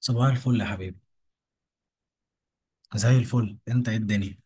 صباح الفل يا حبيبي. زي الفل، انت ايه الدنيا؟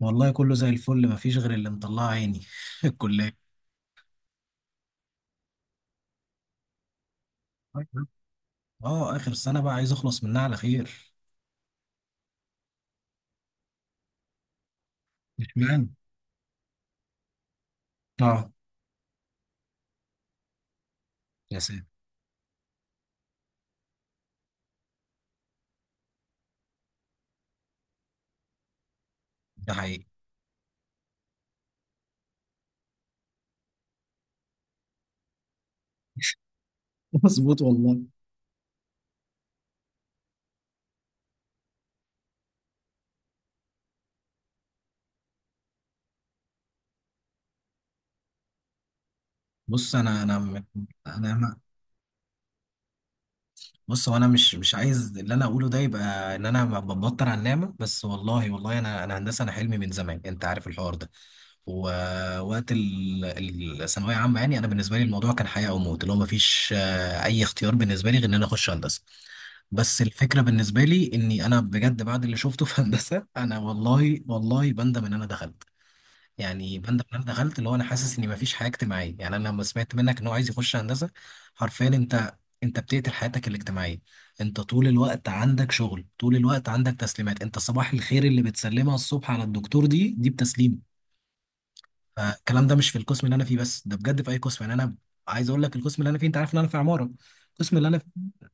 والله كله زي الفل، مفيش غير اللي مطلع عيني الكلية. طيب. اه، اخر سنة بقى، عايز اخلص منها على خير. اشمعنى؟ اه. يا ساتر. ده حقيقي. مظبوط والله. بص، انا انا، بص، هو انا مش عايز اللي انا اقوله ده يبقى ان انا ببطر على النعمه. بس والله والله انا هندسه، انا حلمي من زمان، انت عارف الحوار ده. ووقت الثانويه عامه، يعني انا بالنسبه لي الموضوع كان حياه او موت، اللي هو ما فيش اي اختيار بالنسبه لي غير ان انا اخش هندسه. بس الفكره بالنسبه لي اني انا بجد، بعد اللي شفته في هندسه، انا والله والله بندم ان انا دخلت. يعني بند بند دخلت، اللي هو انا حاسس اني مفيش حياه اجتماعيه. يعني انا لما سمعت منك ان هو عايز يخش هندسه، حرفيا، انت بتقتل حياتك الاجتماعيه. انت طول الوقت عندك شغل، طول الوقت عندك تسليمات، انت صباح الخير اللي بتسلمها الصبح على الدكتور، دي بتسليم. فالكلام ده مش في القسم اللي انا فيه بس، ده بجد في اي قسم. يعني انا عايز اقول لك القسم اللي انا فيه، انت عارف ان انا في عماره. القسم اللي انا فيه،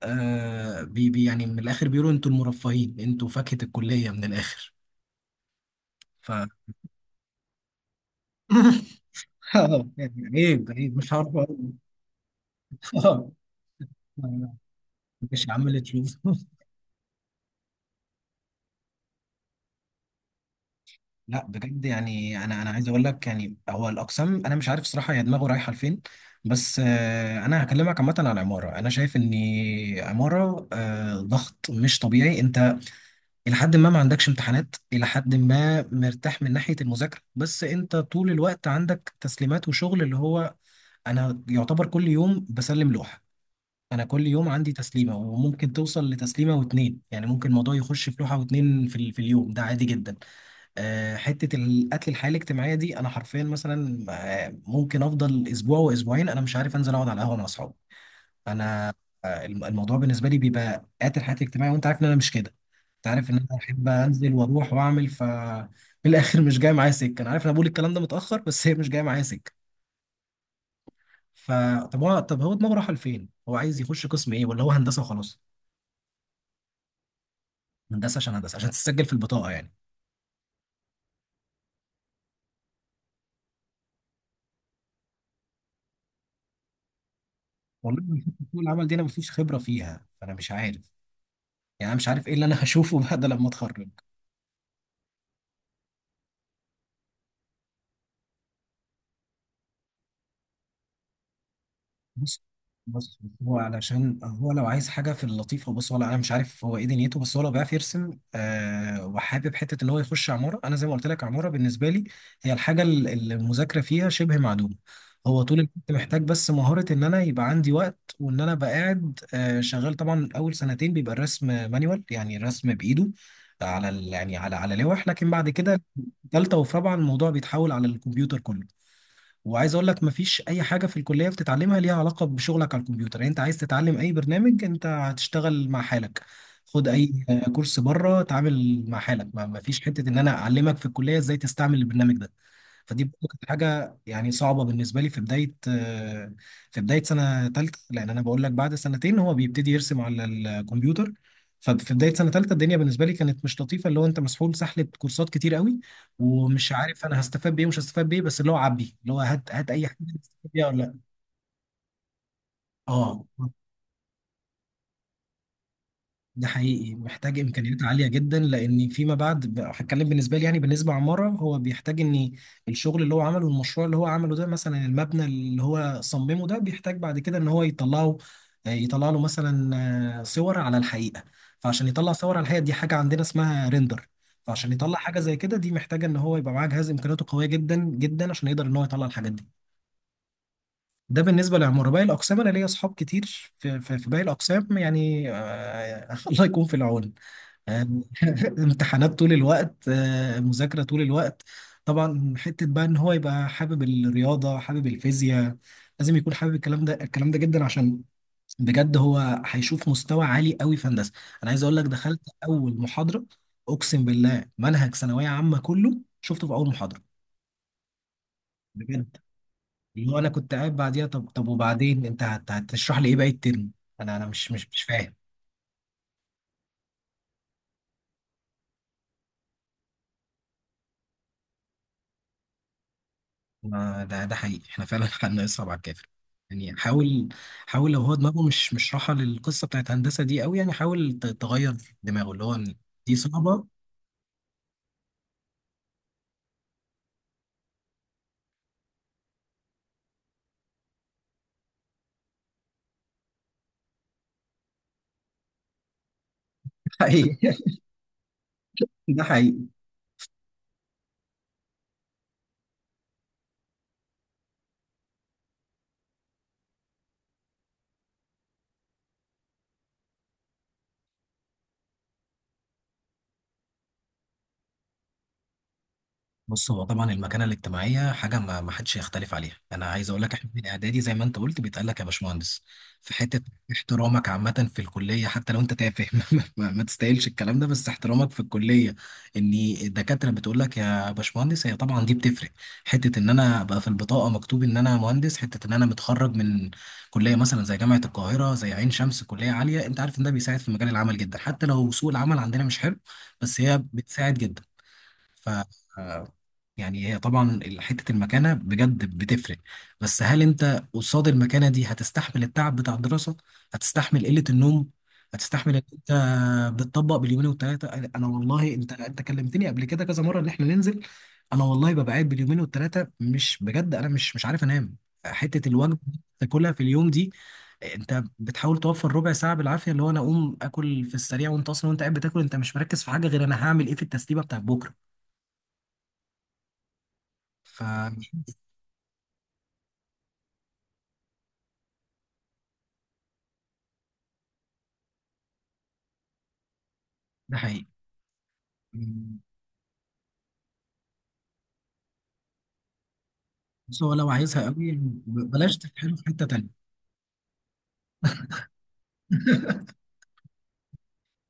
بي بي، يعني من الاخر بيقولوا انتوا المرفهين، انتوا فاكهه الكليه من الاخر. ف اه، يعني عيب عيب، مش هعرف أقول. اه، مش عمال تشوف لا بجد، يعني انا عايز اقول لك، يعني هو الاقسام انا مش عارف صراحه هي دماغه رايحه لفين. بس انا هكلمك عامه عن عماره، انا شايف ان عماره ضغط مش طبيعي. انت الى حد ما ما عندكش امتحانات، الى حد ما مرتاح من ناحيه المذاكره، بس انت طول الوقت عندك تسليمات وشغل اللي هو انا يعتبر كل يوم بسلم لوحه. انا كل يوم عندي تسليمه وممكن توصل لتسليمه واتنين، يعني ممكن الموضوع يخش في لوحه واتنين في اليوم ده عادي جدا. أه، حته القتل الحياه الاجتماعيه دي، انا حرفيا مثلا ممكن افضل اسبوع واسبوعين انا مش عارف انزل اقعد على القهوه مع اصحابي. انا الموضوع بالنسبه لي بيبقى قاتل حياتي الاجتماعيه، وانت عارف ان انا مش كده. انت عارف ان انا احب انزل واروح واعمل. ف في الاخر مش جاي معايا سكه. انا عارف ان انا بقول الكلام ده متاخر، بس هي مش جايه معايا سكه. فطب هو، طب هو دماغه رايحه لفين، هو عايز يخش قسم ايه، ولا هو هندسه وخلاص؟ هندسه عشان هندسه، عشان تسجل في البطاقه يعني. والله من حتة سوق العمل دي، انا مفيش خبره فيها، فانا مش عارف. يعني انا مش عارف ايه اللي انا هشوفه بعد لما اتخرج. بص بص، هو علشان هو لو عايز حاجه في اللطيفه، بص هو انا مش عارف هو ايه دنيته، بس هو لو بيعرف يرسم وحابب حته ان هو يخش عماره، انا زي ما قلت لك عماره بالنسبه لي هي الحاجه اللي المذاكره فيها شبه معدومه. هو طول الوقت محتاج بس مهاره ان انا يبقى عندي وقت، وان انا ابقى قاعد شغال. طبعا اول سنتين بيبقى الرسم مانيوال، يعني الرسم بايده يعني على لوح، لكن بعد كده تالتة وفي رابعة الموضوع بيتحول على الكمبيوتر كله. وعايز اقول لك مفيش اي حاجه في الكليه بتتعلمها ليها علاقه بشغلك على الكمبيوتر. يعني انت عايز تتعلم اي برنامج، انت هتشتغل مع حالك، خد اي كورس بره، اتعامل مع حالك، ما مفيش حته ان انا اعلمك في الكليه ازاي تستعمل البرنامج ده. فدي برضه كانت حاجه يعني صعبه بالنسبه لي، في بدايه سنه ثالثه، لان انا بقول لك بعد سنتين هو بيبتدي يرسم على الكمبيوتر. ففي بدايه سنه ثالثه الدنيا بالنسبه لي كانت مش لطيفه، اللي هو انت مسحول سحله كورسات كتير قوي، ومش عارف انا هستفاد بايه ومش هستفاد بايه، بس اللي هو عبي، اللي هو هات هات اي حاجه تستفاد بيها ولا لا. اه، ده حقيقي، محتاج امكانيات عاليه جدا، لان فيما بعد هتكلم بالنسبه لي، يعني بالنسبه عماره، هو بيحتاج ان الشغل اللي هو عمله، المشروع اللي هو عمله ده، مثلا المبنى اللي هو صممه ده، بيحتاج بعد كده ان هو يطلعه، يطلع له مثلا صور على الحقيقه. فعشان يطلع صور على الحقيقه، دي حاجه عندنا اسمها ريندر. فعشان يطلع حاجه زي كده، دي محتاجه ان هو يبقى معاه جهاز امكانياته قويه جدا جدا، عشان يقدر ان هو يطلع الحاجات دي. ده بالنسبه للعماره. باقي الاقسام، انا ليا اصحاب كتير في باقي الاقسام، يعني الله يكون في العون. آه، امتحانات طول الوقت، مذاكرة طول الوقت. طبعا حتة بقى ان هو يبقى حابب الرياضة حابب الفيزياء، لازم يكون حابب الكلام ده، الكلام ده جدا، عشان بجد هو هيشوف مستوى عالي قوي في هندسة. انا عايز اقول لك، دخلت اول محاضرة، اقسم بالله منهج ثانوية عامة كله شفته في اول محاضرة. بجد، اللي هو انا كنت قاعد بعديها، طب وبعدين انت هتشرح لي ايه باقي الترم؟ انا مش فاهم. ما ده حقيقي، احنا فعلا حالنا يصعب على الكافر. يعني حاول حاول، لو هو دماغه مش راحه للقصه بتاعت هندسه دي قوي، يعني حاول تغير دماغه، اللي هو إن دي صعبه. حقيقي. ده حقيقي. بص، هو طبعا المكانه الاجتماعيه حاجه ما ما حدش يختلف عليها، انا عايز اقول لك احنا من اعدادي زي ما انت قلت بيتقال لك يا باشمهندس، في حته، احترامك عامه في الكليه حتى لو انت تافه ما تستاهلش الكلام ده، بس احترامك في الكليه ان الدكاتره بتقول لك يا باشمهندس، هي طبعا دي بتفرق. حته ان انا ابقى في البطاقه مكتوب ان انا مهندس، حته ان انا متخرج من كليه مثلا زي جامعه القاهره زي عين شمس، كليه عاليه، انت عارف ان ده بيساعد في مجال العمل جدا، حتى لو سوق العمل عندنا مش حلو، بس هي بتساعد جدا. ف آه، يعني هي طبعا حتة المكانة بجد بتفرق. بس هل انت قصاد المكانة دي هتستحمل التعب بتاع الدراسة؟ هتستحمل قلة النوم؟ هتستحمل ان انت بتطبق باليومين والتلاتة؟ انا والله انت كلمتني قبل كده كذا مرة ان احنا ننزل. انا والله ببقى قاعد باليومين والتلاتة مش بجد، انا مش عارف انام. حتة الوجبة اللي تاكلها في اليوم دي، انت بتحاول توفر ربع ساعة بالعافية، اللي هو انا اقوم اكل في السريع، وانت اصلا وانت قاعد بتاكل، انت مش مركز في حاجة غير انا هعمل ايه في التسليمة بتاعت بكرة. ف ده حقيقي، بس هو لو عايزها قوي، بلاش تفتحله في حتة تانية.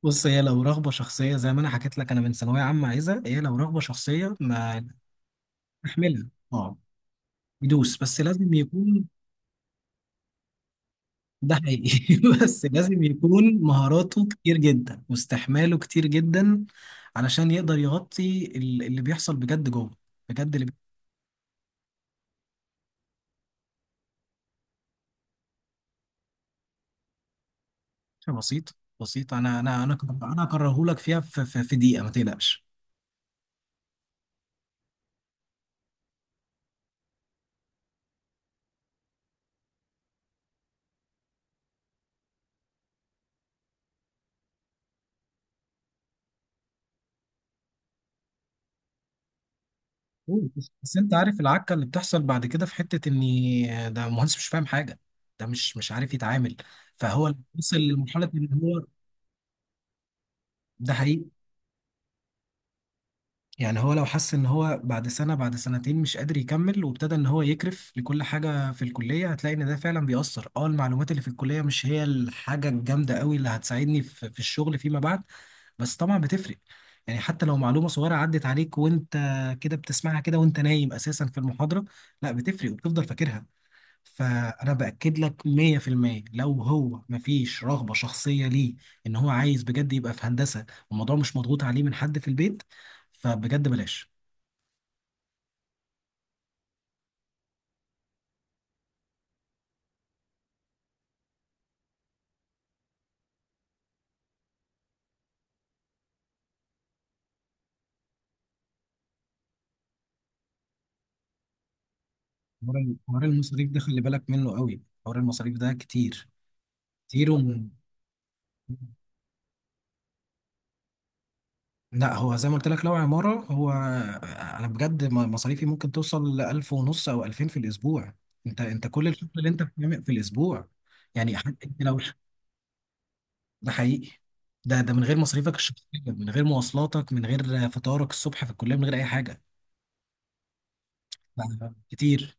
بص، هي لو رغبة شخصية زي ما أنا حكيت لك، أنا من ثانوية عامة عايزها. هي لو رغبة شخصية ما أحملها، أه، يدوس، بس لازم يكون ده حقيقي. بس لازم يكون مهاراته كتير جدا واستحماله كتير جدا، علشان يقدر يغطي اللي بيحصل بجد جوه. بجد اللي بيحصل، بسيط بسيط. أنا أكرههولك فيها في دقيقة، ما تقلقش. بس، انت عارف العكه اللي بتحصل بعد كده، في حته ان ده مهندس مش فاهم حاجه، ده مش عارف يتعامل. فهو لما وصل لمرحله ان هو ده حقيقي. يعني هو لو حس ان هو بعد سنه بعد سنتين مش قادر يكمل، وابتدى ان هو يكرف لكل حاجه في الكليه، هتلاقي ان ده فعلا بيأثر. اه، المعلومات اللي في الكليه مش هي الحاجه الجامده قوي اللي هتساعدني في الشغل فيما بعد. بس طبعا بتفرق، يعني حتى لو معلومه صغيره عدت عليك وانت كده بتسمعها كده وانت نايم اساسا في المحاضره، لا، بتفرق وبتفضل فاكرها. فانا باكد لك 100% لو هو مفيش رغبه شخصيه ليه ان هو عايز بجد يبقى في هندسه، والموضوع مش مضغوط عليه من حد في البيت، فبجد بلاش. حوار المصاريف ده خلي بالك منه قوي، حوار المصاريف ده كتير. كتير لا، هو زي ما قلت لك لو عماره هو، انا بجد مصاريفي ممكن توصل ل 1000 ونص او 2000 في الاسبوع. انت كل الشغل اللي انت بتعمل في الاسبوع، يعني حتى لو ده حقيقي، ده من غير مصاريفك الشخصية، من غير مواصلاتك، من غير فطارك الصبح في الكلية، من غير أي حاجة. ف- كتير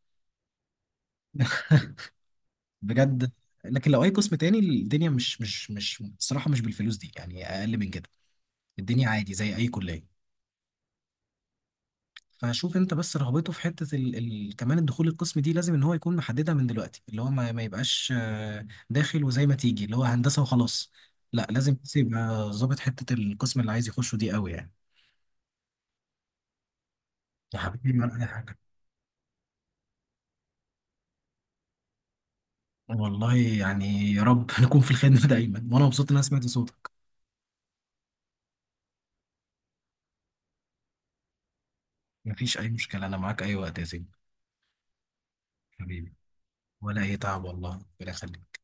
بجد، لكن لو أي قسم تاني الدنيا مش الصراحة، مش بالفلوس دي يعني، أقل من كده، الدنيا عادي زي أي كلية. فشوف أنت بس رغبته في حتة كمان الدخول القسم دي، لازم إن هو يكون محددها من دلوقتي، اللي هو ما, ما يبقاش داخل وزي ما تيجي اللي هو هندسة وخلاص. لا، لازم بس يبقى ظابط حتة القسم اللي عايز يخشه دي قوي يعني. يا حبيبي ولا أي حاجة. والله يعني، يا رب نكون في الخدمة دايما، وانا مبسوط ان انا سمعت صوتك. مفيش اي مشكلة، انا معاك اي وقت يا سيدي. حبيبي، ولا اي تعب والله. ربنا يخليك.